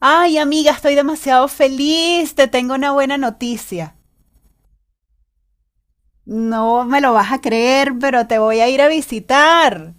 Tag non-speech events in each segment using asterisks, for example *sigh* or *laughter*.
Ay, amiga, estoy demasiado feliz, te tengo una buena noticia. No me lo vas a creer, pero te voy a ir a visitar.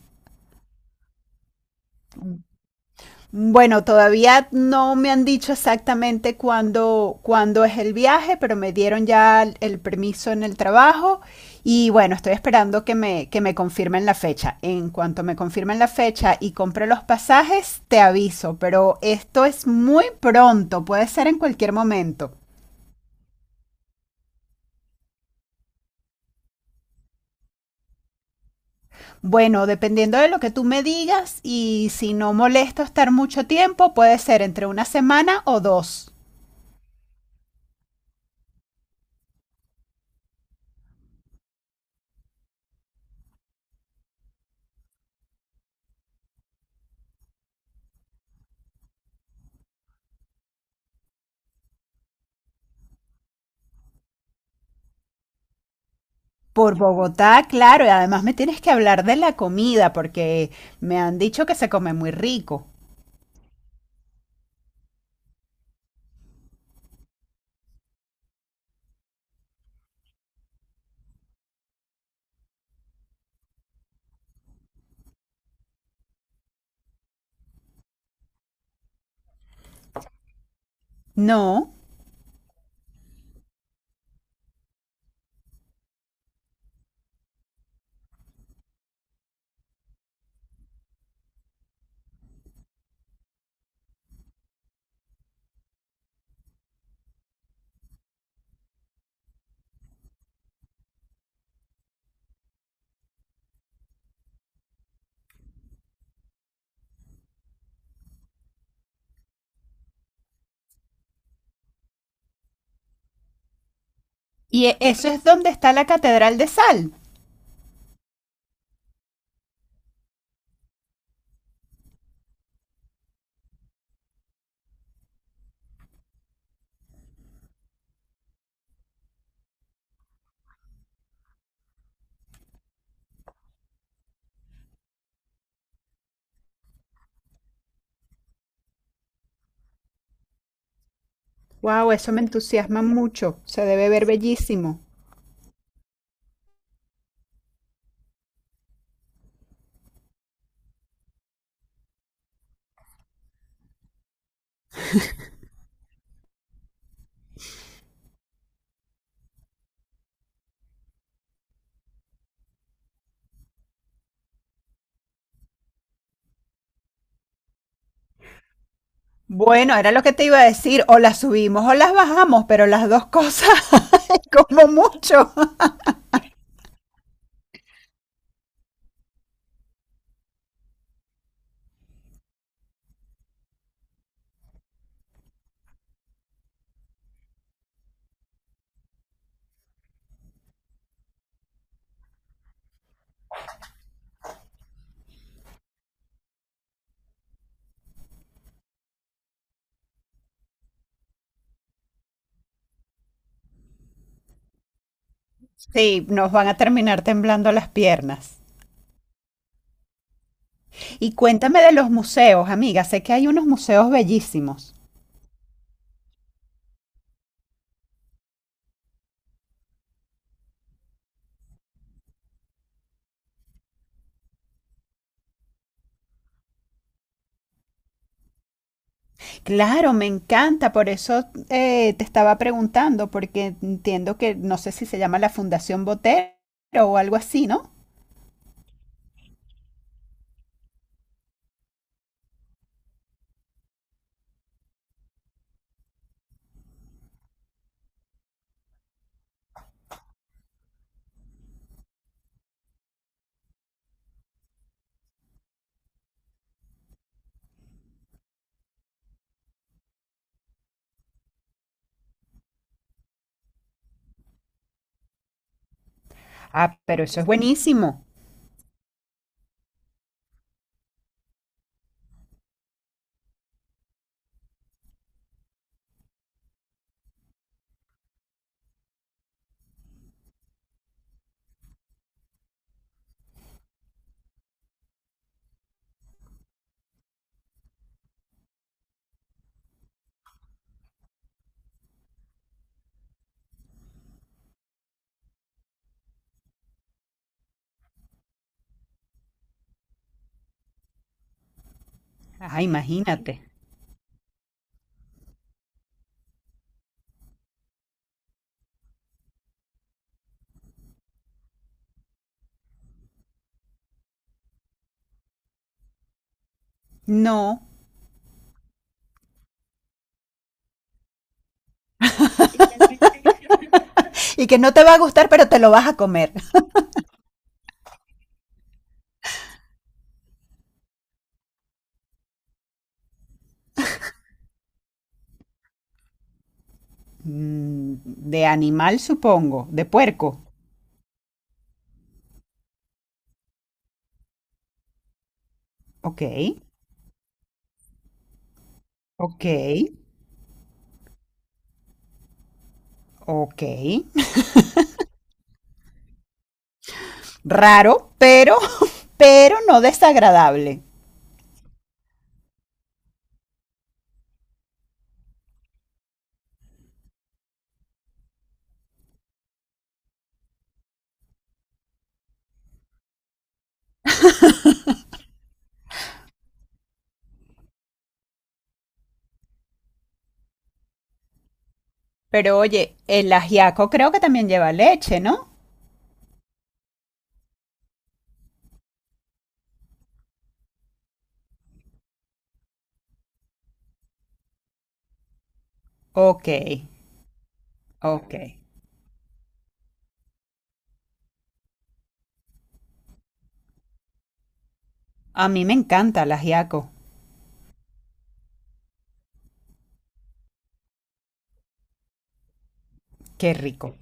Bueno, todavía no me han dicho exactamente cuándo es el viaje, pero me dieron ya el permiso en el trabajo y bueno, estoy esperando que me confirmen la fecha. En cuanto me confirmen la fecha y compre los pasajes, te aviso, pero esto es muy pronto, puede ser en cualquier momento. Bueno, dependiendo de lo que tú me digas y si no molesta estar mucho tiempo, puede ser entre una semana o dos. Por Bogotá, claro, y además me tienes que hablar de la comida porque me han dicho que se come muy rico. No, y eso es donde está la Catedral de Sal. Wow, eso me entusiasma mucho. Se debe ver bellísimo. Bueno, era lo que te iba a decir, o las subimos o las bajamos, pero las dos cosas *laughs* como mucho. Sí, nos van a terminar temblando las piernas. Y cuéntame de los museos, amiga. Sé que hay unos museos bellísimos. Claro, me encanta, por eso te estaba preguntando, porque entiendo que no sé si se llama la Fundación Botero o algo así, ¿no? Ah, pero eso es buenísimo. Ah, imagínate. No. Y que no te va a gustar, pero te lo vas a comer. Mm, de animal, supongo. De puerco. Ok, ok, ok. Raro, pero no desagradable. Pero oye, el ajiaco creo que también lleva leche, ¿no? Ok, ok. A mí me encanta el ajiaco. Qué rico.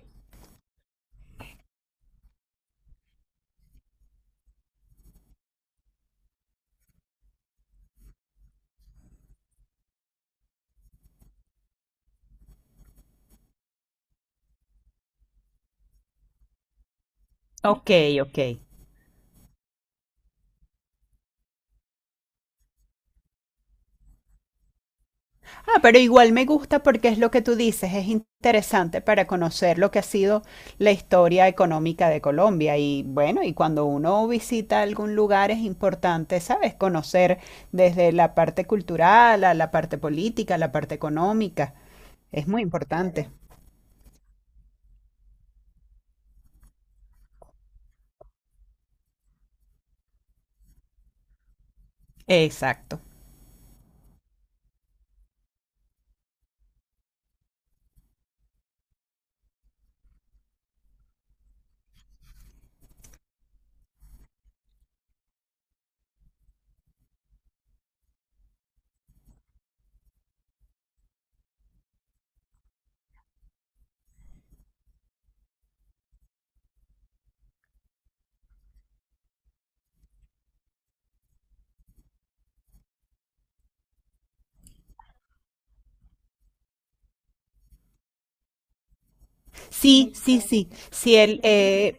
Ok, ok. Ah, pero igual me gusta porque es lo que tú dices, es interesante para conocer lo que ha sido la historia económica de Colombia. Y bueno, y cuando uno visita algún lugar es importante, ¿sabes? Conocer desde la parte cultural a la parte política, a la parte económica. Es muy importante. Exacto. Sí, sí, sí. Sí, él,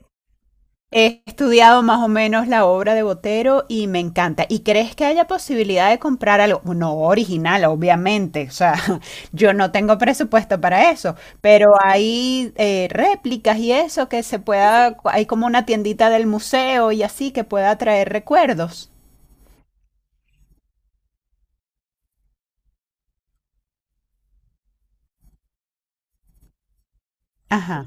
he estudiado más o menos la obra de Botero y me encanta. ¿Y crees que haya posibilidad de comprar algo? No original, obviamente. O sea, *laughs* yo no tengo presupuesto para eso, pero hay réplicas y eso que se pueda, hay como una tiendita del museo y así que pueda traer recuerdos. Ajá.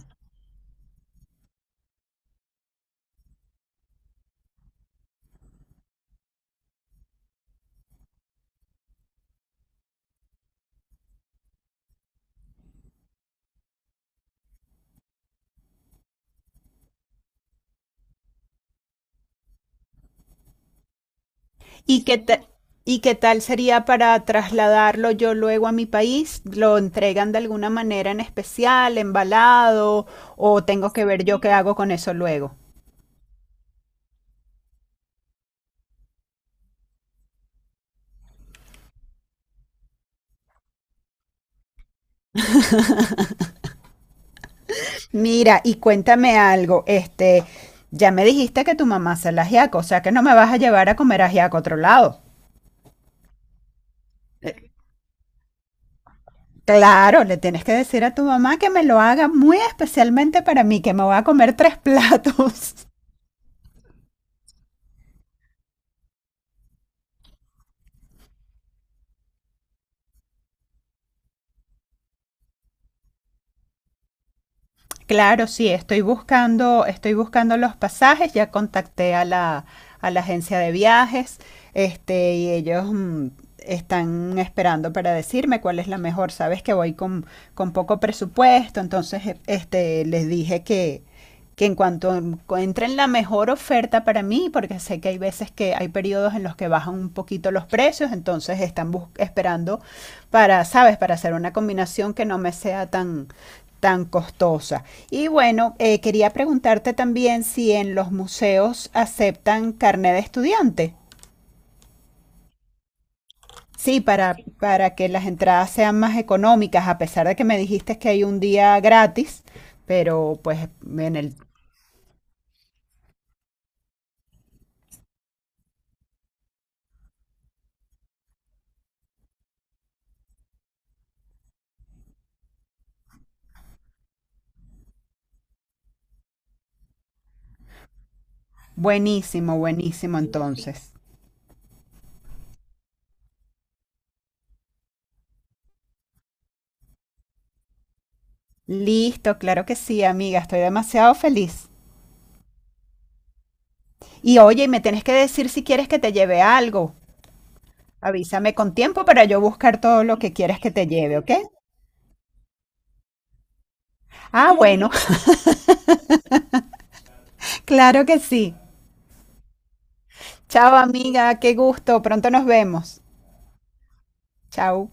¿Y qué ta- ¿Y qué tal sería para trasladarlo yo luego a mi país? ¿Lo entregan de alguna manera en especial, embalado, o tengo que ver yo qué hago con eso luego? Mira, y cuéntame algo, este, ya me dijiste que tu mamá hace el ajiaco, o sea que no me vas a llevar a comer ajiaco a otro lado. Claro, le tienes que decir a tu mamá que me lo haga muy especialmente para mí, que me voy a comer tres *laughs* platos. Claro, sí, estoy buscando los pasajes, ya contacté a a la agencia de viajes, este, y ellos mm, están esperando para decirme cuál es la mejor. Sabes que voy con poco presupuesto, entonces este, les dije que en cuanto encuentren la mejor oferta para mí, porque sé que hay veces que hay periodos en los que bajan un poquito los precios, entonces están esperando para, sabes, para hacer una combinación que no me sea tan, tan costosa. Y bueno, quería preguntarte también si en los museos aceptan carnet de estudiante. Sí, para que las entradas sean más económicas, a pesar de que me dijiste que hay un día gratis, pero pues en el buenísimo, buenísimo entonces. Listo, claro que sí, amiga, estoy demasiado feliz. Y oye, y me tienes que decir si quieres que te lleve algo. Avísame con tiempo para yo buscar todo lo que quieres que te lleve, ¿ok? Ah, bueno, *laughs* claro que sí. Chao amiga, qué gusto, pronto nos vemos. Chao.